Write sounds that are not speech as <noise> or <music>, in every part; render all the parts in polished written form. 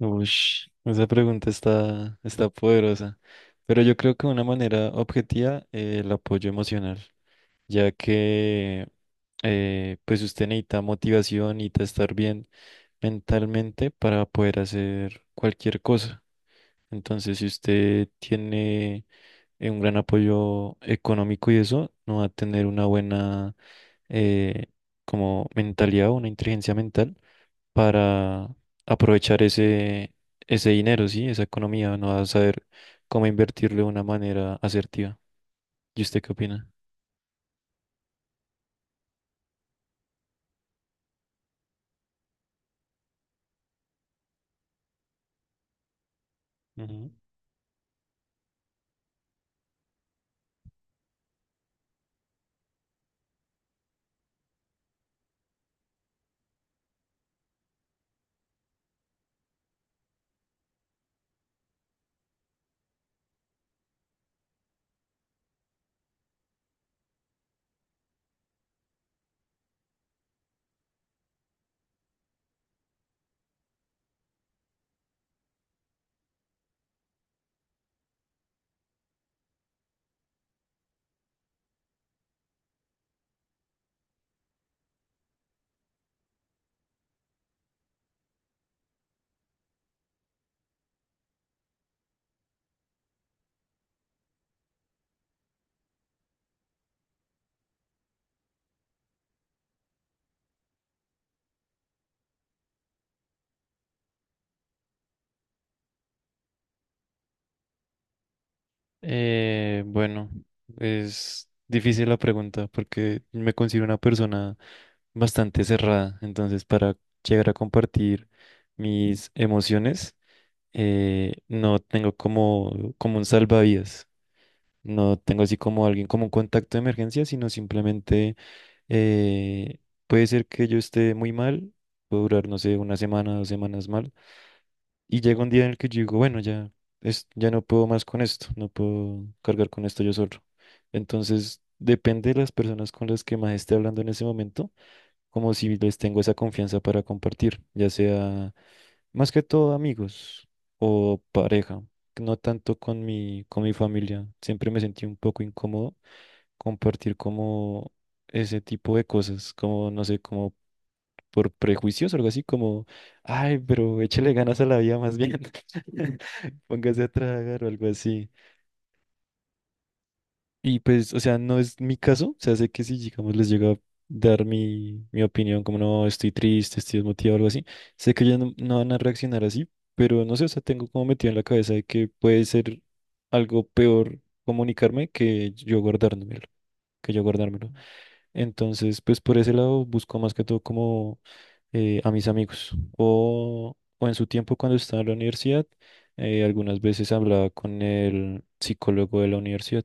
Ush, esa pregunta está poderosa. Pero yo creo que de una manera objetiva, el apoyo emocional, ya que pues usted necesita motivación, necesita estar bien mentalmente para poder hacer cualquier cosa. Entonces, si usted tiene un gran apoyo económico y eso, no va a tener una buena eh, como mentalidad o una inteligencia mental para aprovechar ese dinero, ¿sí? Esa economía, no va a saber cómo invertirlo de una manera asertiva. ¿Y usted qué opina? Ujú. Bueno, es difícil la pregunta porque me considero una persona bastante cerrada, entonces para llegar a compartir mis emociones, no tengo como un salvavidas, no tengo así como alguien como un contacto de emergencia, sino simplemente eh, puede ser que yo esté muy mal, puedo durar, no sé, una semana, 2 semanas mal y llega un día en el que yo digo, bueno, ya, ya no puedo más con esto, no puedo cargar con esto yo solo. Entonces, depende de las personas con las que más esté hablando en ese momento, como si les tengo esa confianza para compartir, ya sea más que todo amigos o pareja, no tanto con mi familia. Siempre me sentí un poco incómodo compartir como ese tipo de cosas, como, no sé, como por prejuicios o algo así como, ay, pero échale ganas a la vida más bien. <laughs> Póngase a trabajar o algo así. Y pues, o sea, no es mi caso, o sea, sé que si, digamos, les llega a dar mi, mi opinión, como no, estoy triste, estoy desmotivado o algo así, sé que ellos no, no van a reaccionar así, pero no sé, o sea, tengo como metido en la cabeza de que puede ser algo peor comunicarme que yo guardármelo. Entonces, pues por ese lado busco más que todo como a mis amigos. O en su tiempo cuando estaba en la universidad, algunas veces hablaba con el psicólogo de la universidad.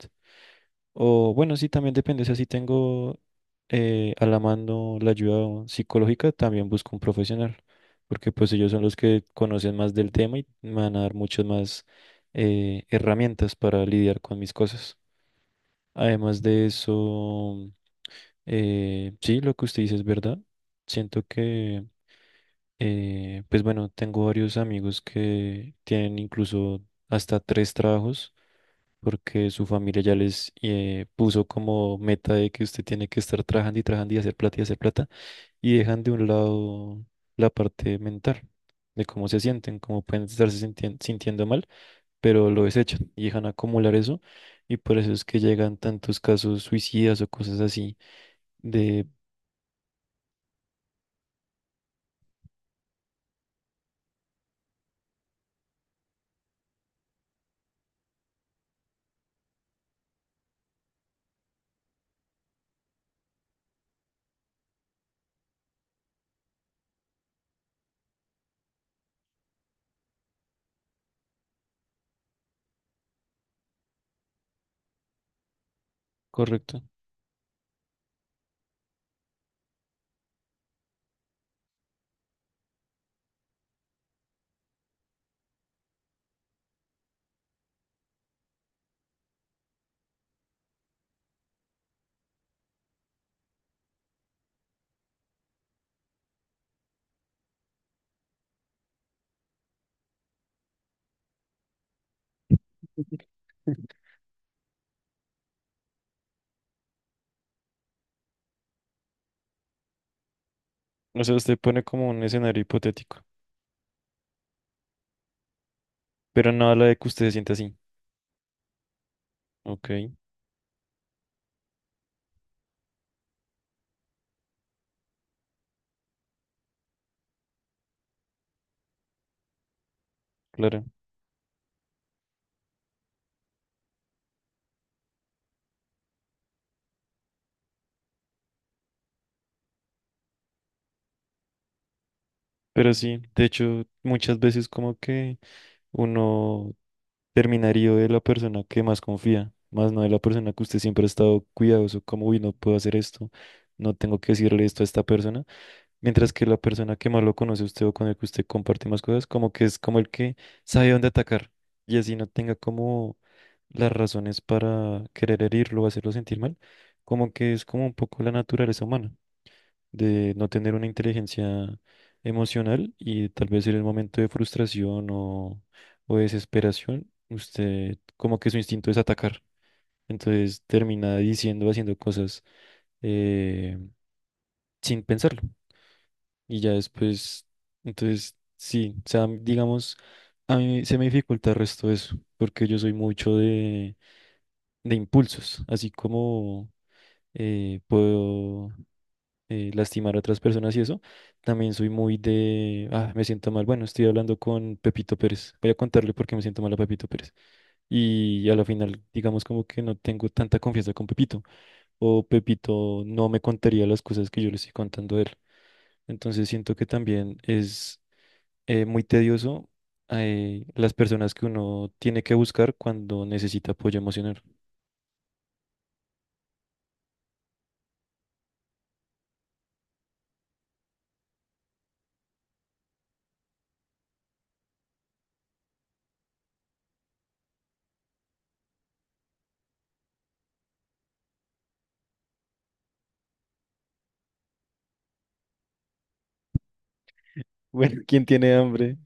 O bueno, sí, también depende. O sea, si tengo a la mano la ayuda psicológica, también busco un profesional. Porque pues ellos son los que conocen más del tema y me van a dar muchas más herramientas para lidiar con mis cosas. Además de eso. Sí, lo que usted dice es verdad. Siento que pues bueno, tengo varios amigos que tienen incluso hasta tres trabajos porque su familia ya les puso como meta de que usted tiene que estar trabajando y trabajando y hacer plata y hacer plata y dejan de un lado la parte mental de cómo se sienten, cómo pueden estarse sintiendo mal, pero lo desechan y dejan acumular eso y por eso es que llegan tantos casos suicidas o cosas así. De Correcto. <laughs> O sea, usted pone como un escenario hipotético, pero no habla de que usted se sienta así. Ok, claro. Pero sí, de hecho, muchas veces como que uno terminaría de la persona que más confía, más no de la persona que usted siempre ha estado cuidadoso, como, uy, no puedo hacer esto, no tengo que decirle esto a esta persona. Mientras que la persona que más lo conoce a usted o con el que usted comparte más cosas, como que es como el que sabe dónde atacar y así no tenga como las razones para querer herirlo o hacerlo sentir mal, como que es como un poco la naturaleza humana de no tener una inteligencia emocional y tal vez en el momento de frustración o desesperación, usted como que su instinto es atacar, entonces termina diciendo, haciendo cosas eh, sin pensarlo. Y ya después, entonces, sí, o sea, digamos, a mí se me dificulta el resto de eso, porque yo soy mucho de impulsos, así como puedo lastimar a otras personas y eso, también soy muy de, ah, me siento mal, bueno, estoy hablando con Pepito Pérez, voy a contarle por qué me siento mal a Pepito Pérez. Y a la final, digamos como que no tengo tanta confianza con Pepito, o Pepito no me contaría las cosas que yo le estoy contando a él. Entonces siento que también es muy tedioso las personas que uno tiene que buscar cuando necesita apoyo emocional. <laughs> Bueno, ¿quién tiene hambre?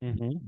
Ujú.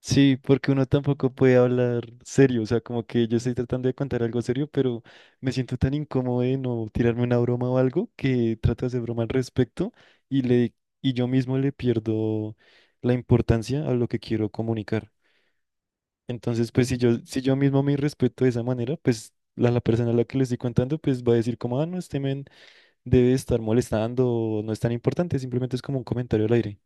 Sí, porque uno tampoco puede hablar serio, o sea, como que yo estoy tratando de contar algo serio, pero me siento tan incómodo de no tirarme una broma o algo que trato de hacer broma al respecto y le y yo mismo le pierdo la importancia a lo que quiero comunicar. Entonces, pues si yo mismo me respeto de esa manera, pues la persona a la que le estoy contando, pues va a decir como, ah, no, este men debe estar molestando, no es tan importante, simplemente es como un comentario al aire.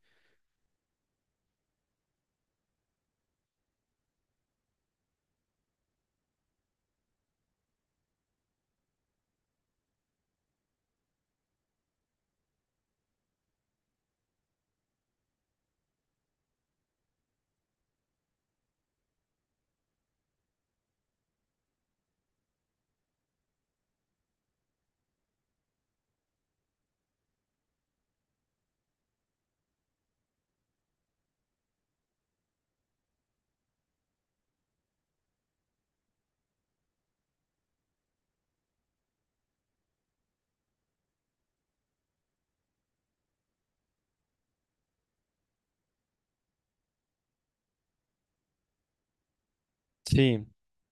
Sí,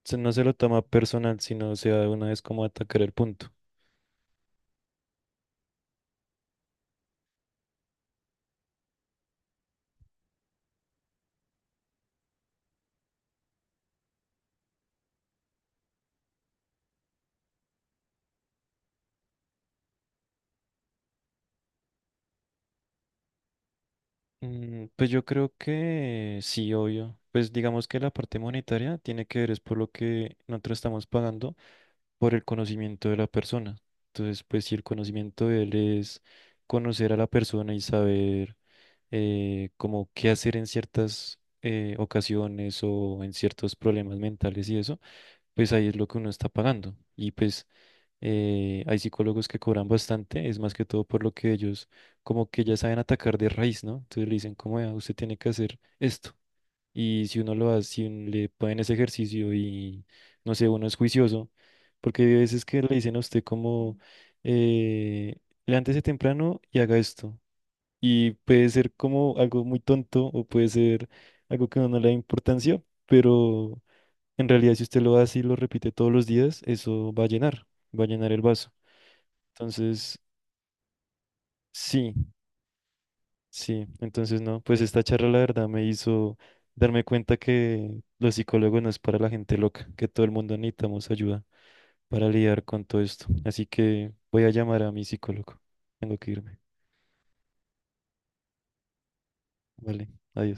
no se lo toma personal, sino o sea de una vez como a atacar el punto. Pues yo creo que sí, obvio. Pues digamos que la parte monetaria tiene que ver es por lo que nosotros estamos pagando por el conocimiento de la persona. Entonces, pues si el conocimiento de él es conocer a la persona y saber como qué hacer en ciertas ocasiones o en ciertos problemas mentales y eso pues ahí es lo que uno está pagando. Y pues hay psicólogos que cobran bastante, es más que todo por lo que ellos como que ya saben atacar de raíz, ¿no? Entonces le dicen, como "Vea, usted tiene que hacer esto". Y si uno lo hace, si un- le ponen ese ejercicio y no sé, uno es juicioso, porque hay veces que le dicen a usted como eh, levántese temprano y haga esto. Y puede ser como algo muy tonto o puede ser algo que no le da importancia, pero en realidad, si usted lo hace y lo repite todos los días, eso va a llenar el vaso. Entonces, sí, sí, entonces no, pues esta charla la verdad me hizo darme cuenta que los psicólogos no es para la gente loca, que todo el mundo necesitamos ayuda para lidiar con todo esto. Así que voy a llamar a mi psicólogo. Tengo que irme. Vale, adiós.